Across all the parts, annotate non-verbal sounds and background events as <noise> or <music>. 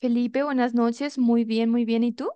Felipe, buenas noches. Muy bien, muy bien. ¿Y tú?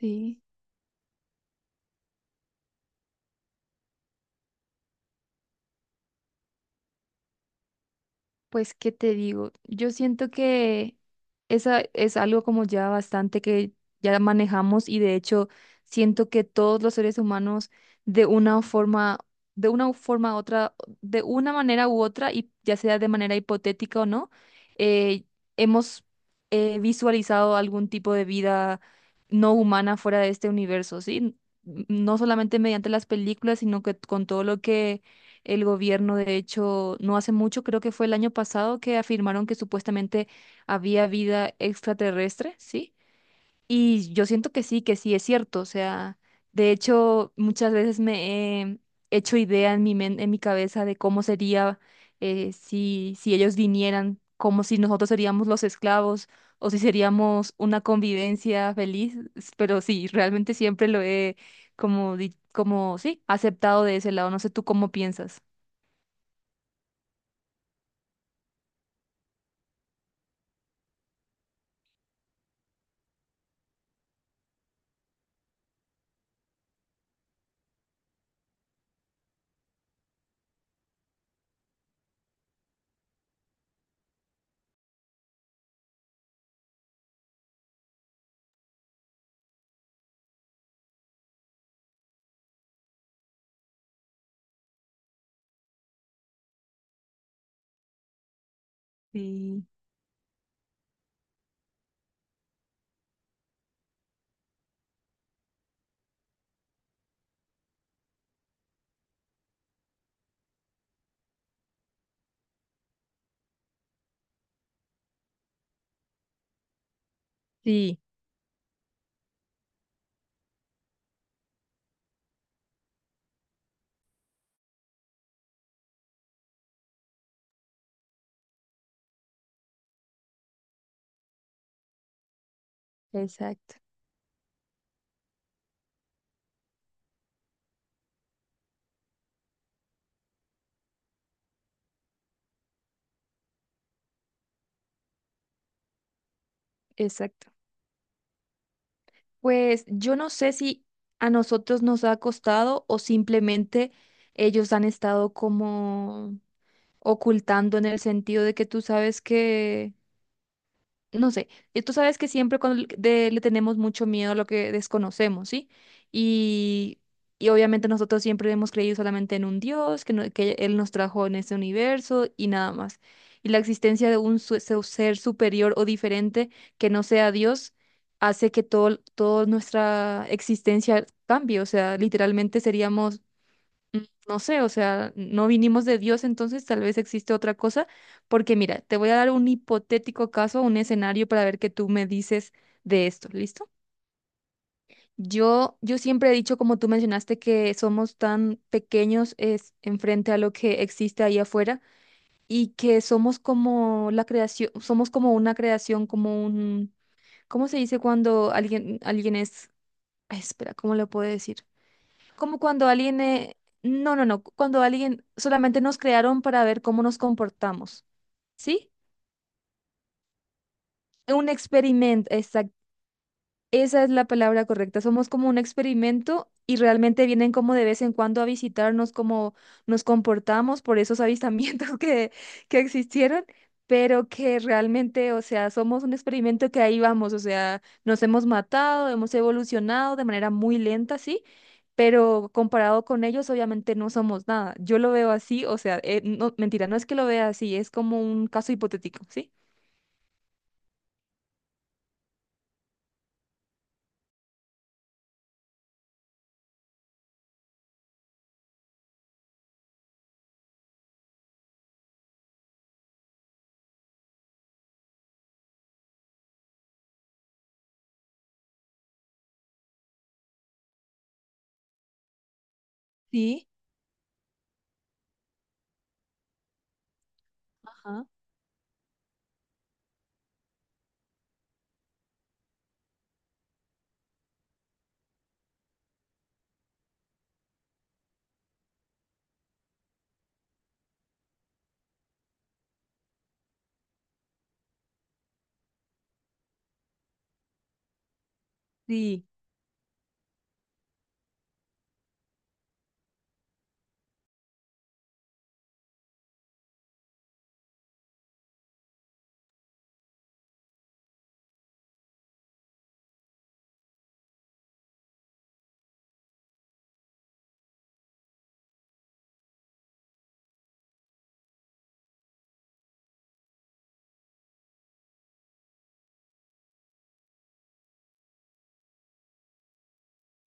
Sí. Pues, ¿qué te digo? Yo siento que esa es algo como ya bastante que ya manejamos, y de hecho siento que todos los seres humanos, de una forma, de una forma u otra, de una manera u otra, y ya sea de manera hipotética o no, eh, hemos visualizado algún tipo de vida no humana fuera de este universo, ¿sí? No solamente mediante las películas, sino que con todo lo que. El gobierno, de hecho, no hace mucho, creo que fue el año pasado, que afirmaron que supuestamente había vida extraterrestre, ¿sí? Y yo siento que sí es cierto. O sea, de hecho, muchas veces me he hecho idea en mi cabeza de cómo sería, si ellos vinieran, como si nosotros seríamos los esclavos o si seríamos una convivencia feliz. Pero sí, realmente siempre lo he como, como, sí, aceptado de ese lado. No sé tú cómo piensas. Sí. Sí, exacto, exacto. Pues yo no sé si a nosotros nos ha costado o simplemente ellos han estado como ocultando, en el sentido de que tú sabes que, no sé, y tú sabes que siempre cuando le tenemos mucho miedo a lo que desconocemos, ¿sí? Y, y obviamente nosotros siempre hemos creído solamente en un Dios, que, no- que Él nos trajo en este universo y nada más. Y la existencia de un ser superior o diferente que no sea Dios hace que todo, toda nuestra existencia cambie, o sea, literalmente seríamos, no sé, o sea, no vinimos de Dios, entonces tal vez existe otra cosa. Porque mira, te voy a dar un hipotético caso, un escenario para ver qué tú me dices de esto, ¿listo? Yo siempre he dicho, como tú mencionaste, que somos tan pequeños es en frente a lo que existe ahí afuera, y que somos como la creación, somos como una creación, como un... ¿cómo se dice cuando alguien, alguien es... ay, espera, ¿cómo lo puedo decir? Como cuando alguien, no, no, no, cuando alguien solamente nos crearon para ver cómo nos comportamos, ¿sí? Un experimento. Esa es la palabra correcta. Somos como un experimento, y realmente vienen como de vez en cuando a visitarnos, cómo nos comportamos por esos avistamientos <laughs> que existieron, pero que realmente, o sea, somos un experimento que ahí vamos. O sea, nos hemos matado, hemos evolucionado de manera muy lenta, sí, pero comparado con ellos, obviamente no somos nada. Yo lo veo así, o sea, no, mentira, no es que lo vea así, es como un caso hipotético, ¿sí? Sí, ajá. Sí,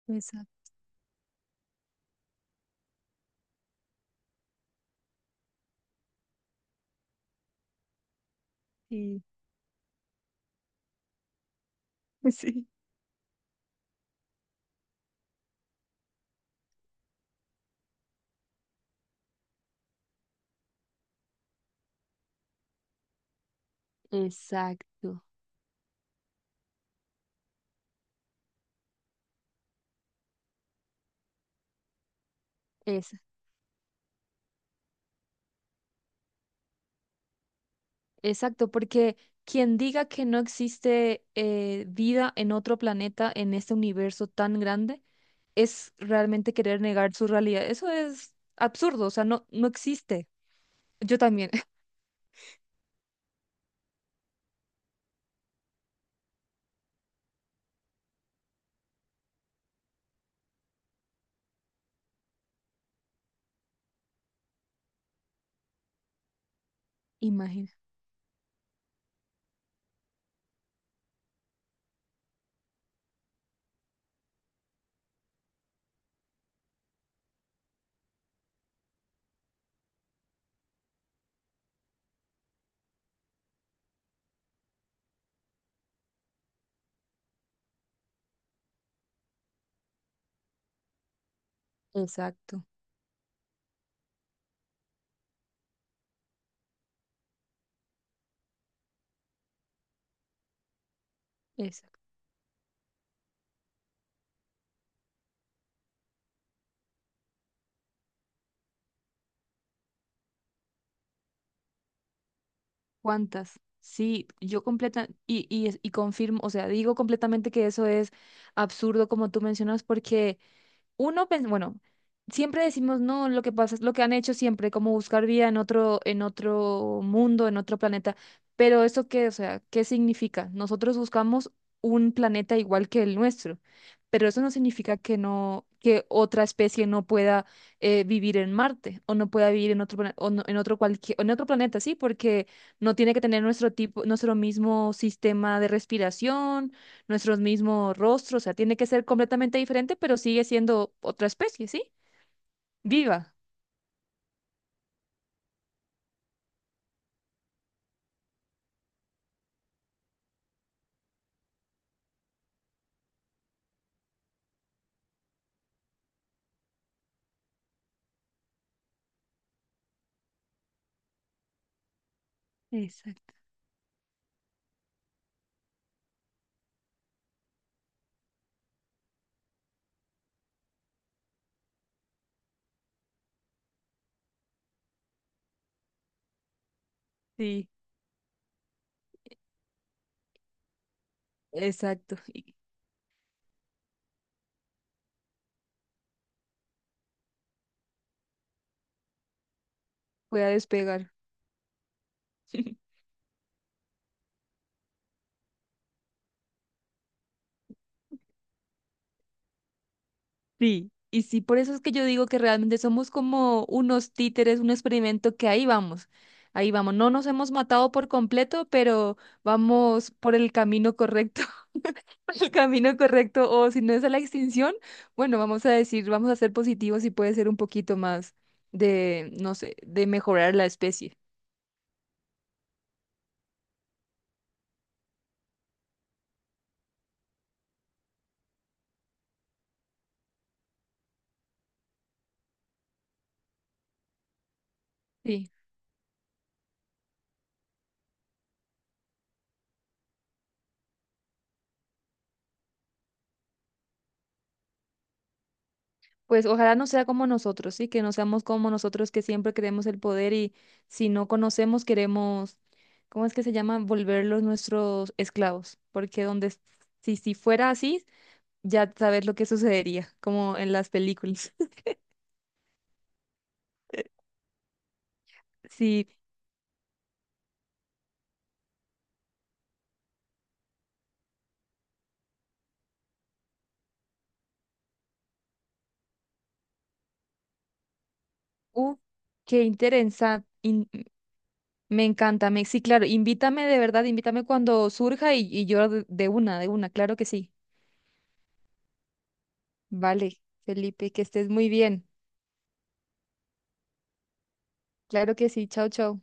exacto. Sí, <laughs> sí. Exacto, es exacto, porque quien diga que no existe vida en otro planeta, en este universo tan grande, es realmente querer negar su realidad. Eso es absurdo, o sea, no, no existe. Yo también. <laughs> Imagina. Exacto, exacto. ¿Cuántas? Sí, yo completa y confirmo, o sea, digo completamente que eso es absurdo, como tú mencionas. Porque uno, bueno, siempre decimos, no, lo que pasa es lo que han hecho siempre, como buscar vida en otro mundo, en otro planeta. Pero ¿eso qué? O sea, ¿qué significa? Nosotros buscamos un planeta igual que el nuestro, pero eso no significa que no, que otra especie no pueda, vivir en Marte o no pueda vivir en otro, plane- o no- en otro cualquier, en otro planeta, sí, porque no tiene que tener nuestro tipo, nuestro mismo sistema de respiración, nuestros mismos rostros. O sea, tiene que ser completamente diferente, pero sigue siendo otra especie, ¿sí? Viva. Exacto. Sí, exacto. Voy a despegar. <laughs> Sí, y sí, por eso es que yo digo que realmente somos como unos títeres, un experimento que ahí vamos, ahí vamos. No nos hemos matado por completo, pero vamos por el camino correcto. <laughs> Por el camino correcto. O si no, es a la extinción. Bueno, vamos a decir, vamos a ser positivos, y puede ser un poquito más de, no sé, de mejorar la especie. Sí, pues ojalá no sea como nosotros, sí, que no seamos como nosotros, que siempre queremos el poder, y si no conocemos queremos, ¿cómo es que se llama? Volverlos nuestros esclavos. Porque donde si fuera así, ya sabes lo que sucedería, como en las películas. <laughs> Sí, uh, qué interesante, me encanta, me, sí, claro, invítame de verdad, invítame cuando surja, y yo de una, de una, claro que sí. Vale, Felipe, que estés muy bien. Claro que sí, chao, chao.